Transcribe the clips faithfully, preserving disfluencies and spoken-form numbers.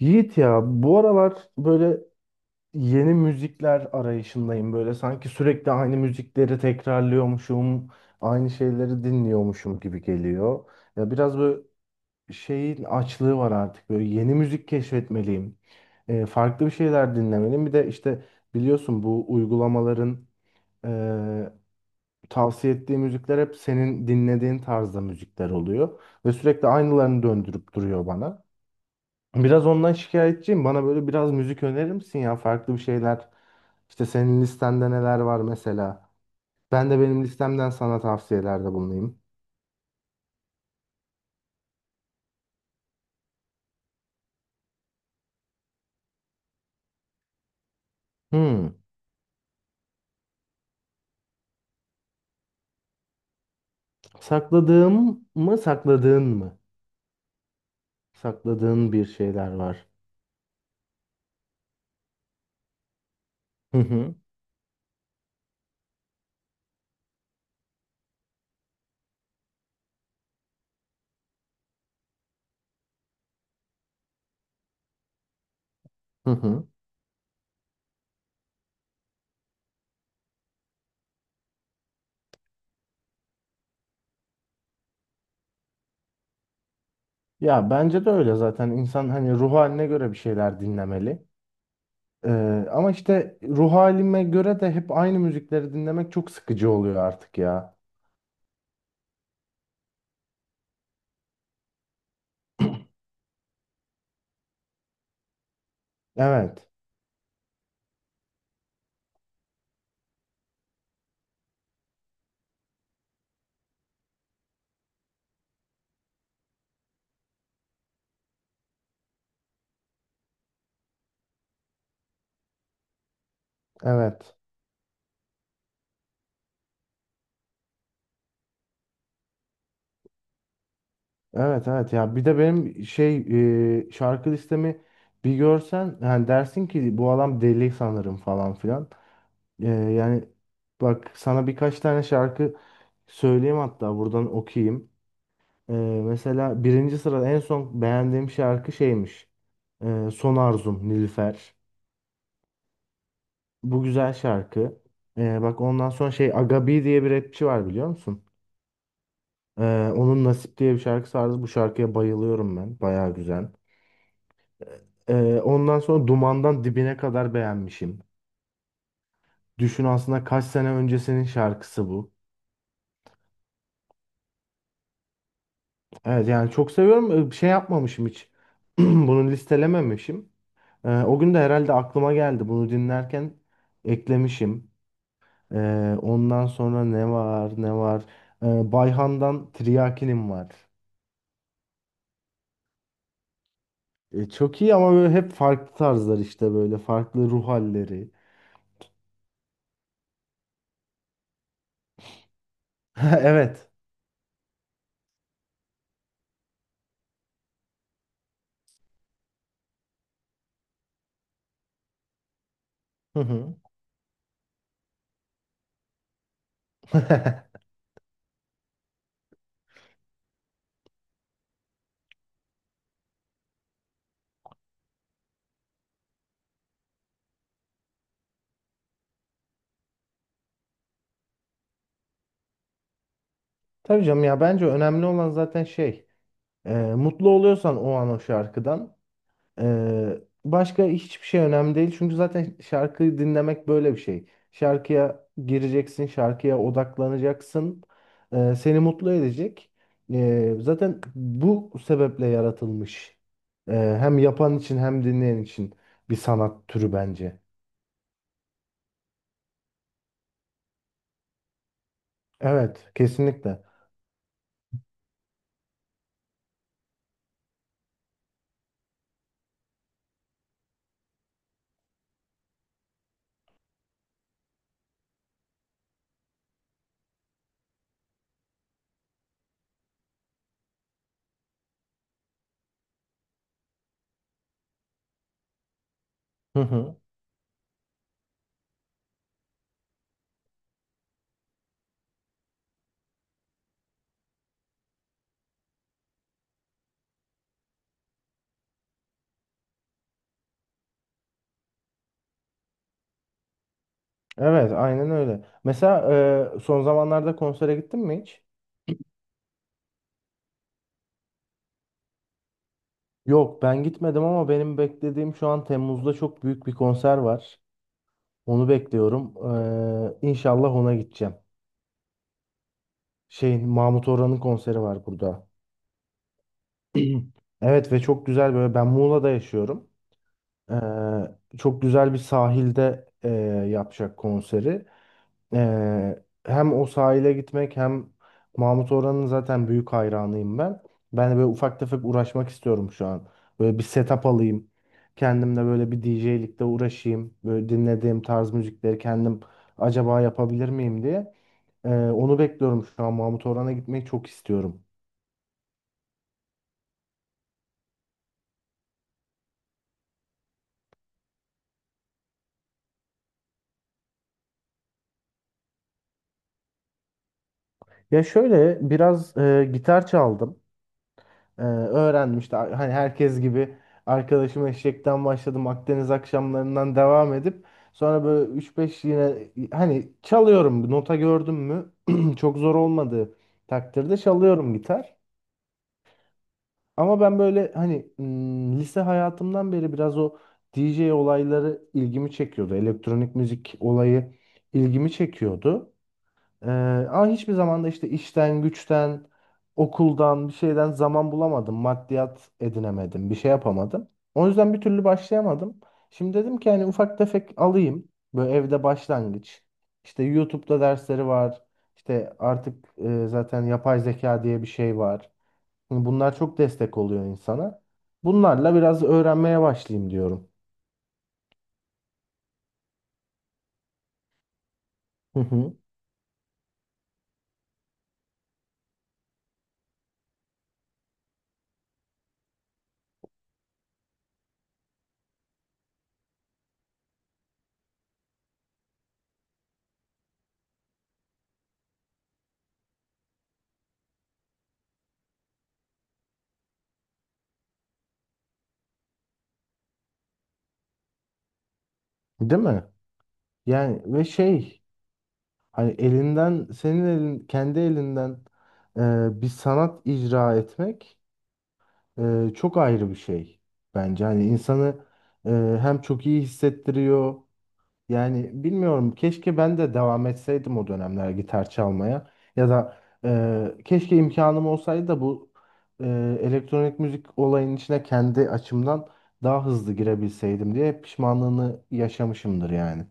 Yiğit ya bu aralar böyle yeni müzikler arayışındayım. Böyle sanki sürekli aynı müzikleri tekrarlıyormuşum, aynı şeyleri dinliyormuşum gibi geliyor. Ya biraz böyle şeyin açlığı var artık. Böyle yeni müzik keşfetmeliyim. Ee, farklı bir şeyler dinlemeliyim. Bir de işte biliyorsun bu uygulamaların eee, tavsiye ettiği müzikler hep senin dinlediğin tarzda müzikler oluyor. Ve sürekli aynılarını döndürüp duruyor bana. Biraz ondan şikayetçiyim. Bana böyle biraz müzik önerir misin ya? Farklı bir şeyler. İşte senin listende neler var mesela? Ben de benim listemden sana tavsiyelerde bulunayım. Hmm. Sakladığım mı, sakladığın mı? Sakladığın bir şeyler var. Hı hı. Hı hı. Ya bence de öyle zaten. İnsan hani ruh haline göre bir şeyler dinlemeli. Ee, ama işte ruh halime göre de hep aynı müzikleri dinlemek çok sıkıcı oluyor artık ya. Evet. Evet. Evet, evet, ya bir de benim şey e, şarkı listemi bir görsen yani dersin ki bu adam deli sanırım falan filan. E, yani bak sana birkaç tane şarkı söyleyeyim, hatta buradan okuyayım. E, Mesela birinci sırada en son beğendiğim şarkı şeymiş. E, Son Arzum, Nilüfer. Bu güzel şarkı. E, bak ondan sonra şey Agabi diye bir rapçi var, biliyor musun? E, onun Nasip diye bir şarkısı vardı. Bu şarkıya bayılıyorum ben. Bayağı güzel. Ee, ondan sonra Duman'dan Dibine kadar beğenmişim. Düşün aslında kaç sene öncesinin şarkısı bu. Evet, yani çok seviyorum. Ee, Şey yapmamışım hiç. Bunu listelememişim. Ee, o gün de herhalde aklıma geldi. Bunu dinlerken eklemişim. Ee, ondan sonra ne var ne var. Ee, Bayhan'dan Triakinim var. Ee, çok iyi, ama böyle hep farklı tarzlar işte, böyle farklı ruh halleri. Evet. Hı hı. Tabii canım, ya bence önemli olan zaten şey. Ee, mutlu oluyorsan o an o şarkıdan ee, başka hiçbir şey önemli değil. Çünkü zaten şarkıyı dinlemek böyle bir şey. Şarkıya gireceksin, şarkıya odaklanacaksın. Ee, seni mutlu edecek. Ee, zaten bu sebeple yaratılmış. Ee, Hem yapan için hem dinleyen için bir sanat türü bence. Evet, kesinlikle. Hı hı. Evet, aynen öyle. Mesela ee, son zamanlarda konsere gittin mi hiç? Yok, ben gitmedim ama benim beklediğim şu an Temmuz'da çok büyük bir konser var. Onu bekliyorum. Ee, inşallah ona gideceğim. Şeyin Mahmut Orhan'ın konseri var burada. Evet, ve çok güzel, böyle ben Muğla'da yaşıyorum. Ee, Çok güzel bir sahilde e, yapacak konseri. Ee, hem o sahile gitmek hem Mahmut Orhan'ın zaten büyük hayranıyım ben. Ben de böyle ufak tefek uğraşmak istiyorum şu an. Böyle bir setup alayım. Kendimle böyle bir D J'likte uğraşayım. Böyle dinlediğim tarz müzikleri kendim acaba yapabilir miyim diye. Ee, onu bekliyorum şu an. Mahmut Orhan'a gitmeyi çok istiyorum. Ya şöyle biraz e, gitar çaldım. Ee, öğrenmişti. Hani herkes gibi arkadaşım Eşek'ten başladım. Akdeniz akşamlarından devam edip sonra böyle üç beş yine hani çalıyorum. Nota gördüm mü çok zor olmadığı takdirde çalıyorum gitar. Ama ben böyle hani mm, lise hayatımdan beri biraz o D J olayları ilgimi çekiyordu. Elektronik müzik olayı ilgimi çekiyordu. Ee, Ama hiçbir zaman da işte işten, güçten, okuldan, bir şeyden zaman bulamadım. Maddiyat edinemedim. Bir şey yapamadım. O yüzden bir türlü başlayamadım. Şimdi dedim ki hani ufak tefek alayım. Böyle evde başlangıç. İşte YouTube'da dersleri var. İşte artık e, zaten yapay zeka diye bir şey var. Hani bunlar çok destek oluyor insana. Bunlarla biraz öğrenmeye başlayayım diyorum. Hı hı. Değil mi? Yani ve şey, hani elinden, senin elin, kendi elinden e, bir sanat icra etmek e, çok ayrı bir şey bence. Hani insanı e, hem çok iyi hissettiriyor. Yani bilmiyorum, keşke ben de devam etseydim o dönemler gitar çalmaya. Ya da e, keşke imkanım olsaydı da bu e, elektronik müzik olayının içine kendi açımdan daha hızlı girebilseydim diye pişmanlığını yaşamışımdır yani.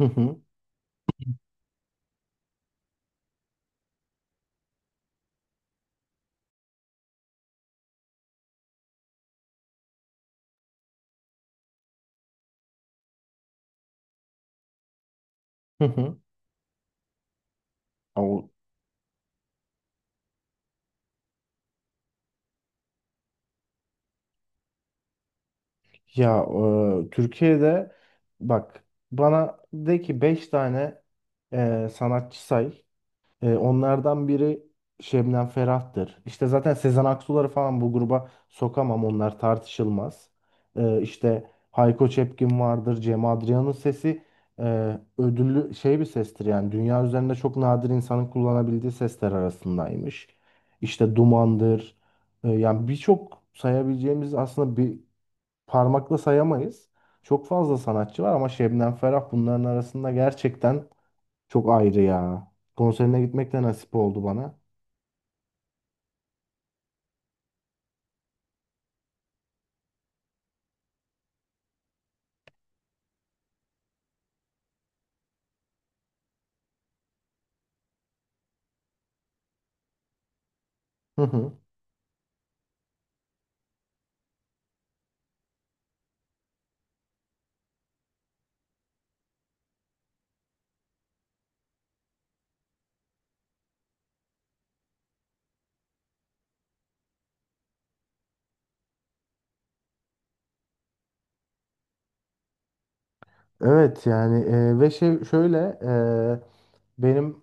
Hı hı. Hı hı. Ya e, Türkiye'de bak, bana de ki beş tane e, sanatçı say. E, onlardan biri Şebnem Ferah'tır. İşte zaten Sezen Aksu'ları falan bu gruba sokamam, onlar tartışılmaz. E, işte Hayko Cepkin vardır, Cem Adrian'ın sesi e, ödüllü şey bir sestir, yani dünya üzerinde çok nadir insanın kullanabildiği sesler arasındaymış. İşte Duman'dır. E, yani birçok sayabileceğimiz, aslında bir parmakla sayamayız. Çok fazla sanatçı var ama Şebnem Ferah bunların arasında gerçekten çok ayrı ya. Konserine gitmek de nasip oldu bana. Hı hı. Evet yani e, ve şey şöyle e, benim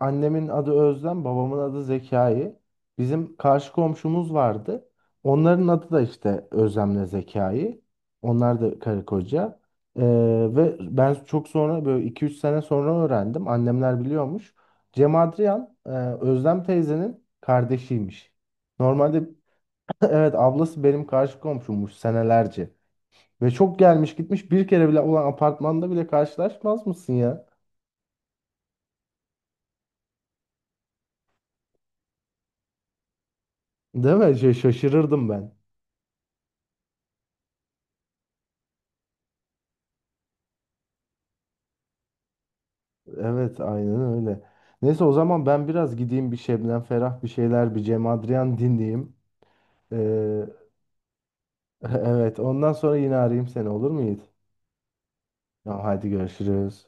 annemin adı Özlem, babamın adı Zekai. Bizim karşı komşumuz vardı. Onların adı da işte Özlem'le Zekai. Onlar da karı koca. Ee, Ve ben çok sonra, böyle iki üç sene sonra öğrendim. Annemler biliyormuş. Cem Adrian e, Özlem teyzenin kardeşiymiş. Normalde evet, ablası benim karşı komşummuş senelerce. Ve çok gelmiş gitmiş, bir kere bile olan apartmanda bile karşılaşmaz mısın ya? Değil mi? Şey, şaşırırdım ben. Evet, aynen öyle. Neyse, o zaman ben biraz gideyim, bir Şebnem Ferah bir şeyler, bir Cem Adrian dinleyeyim. Ee, evet, ondan sonra yine arayayım seni, olur mu Yiğit? Tamam, hadi görüşürüz.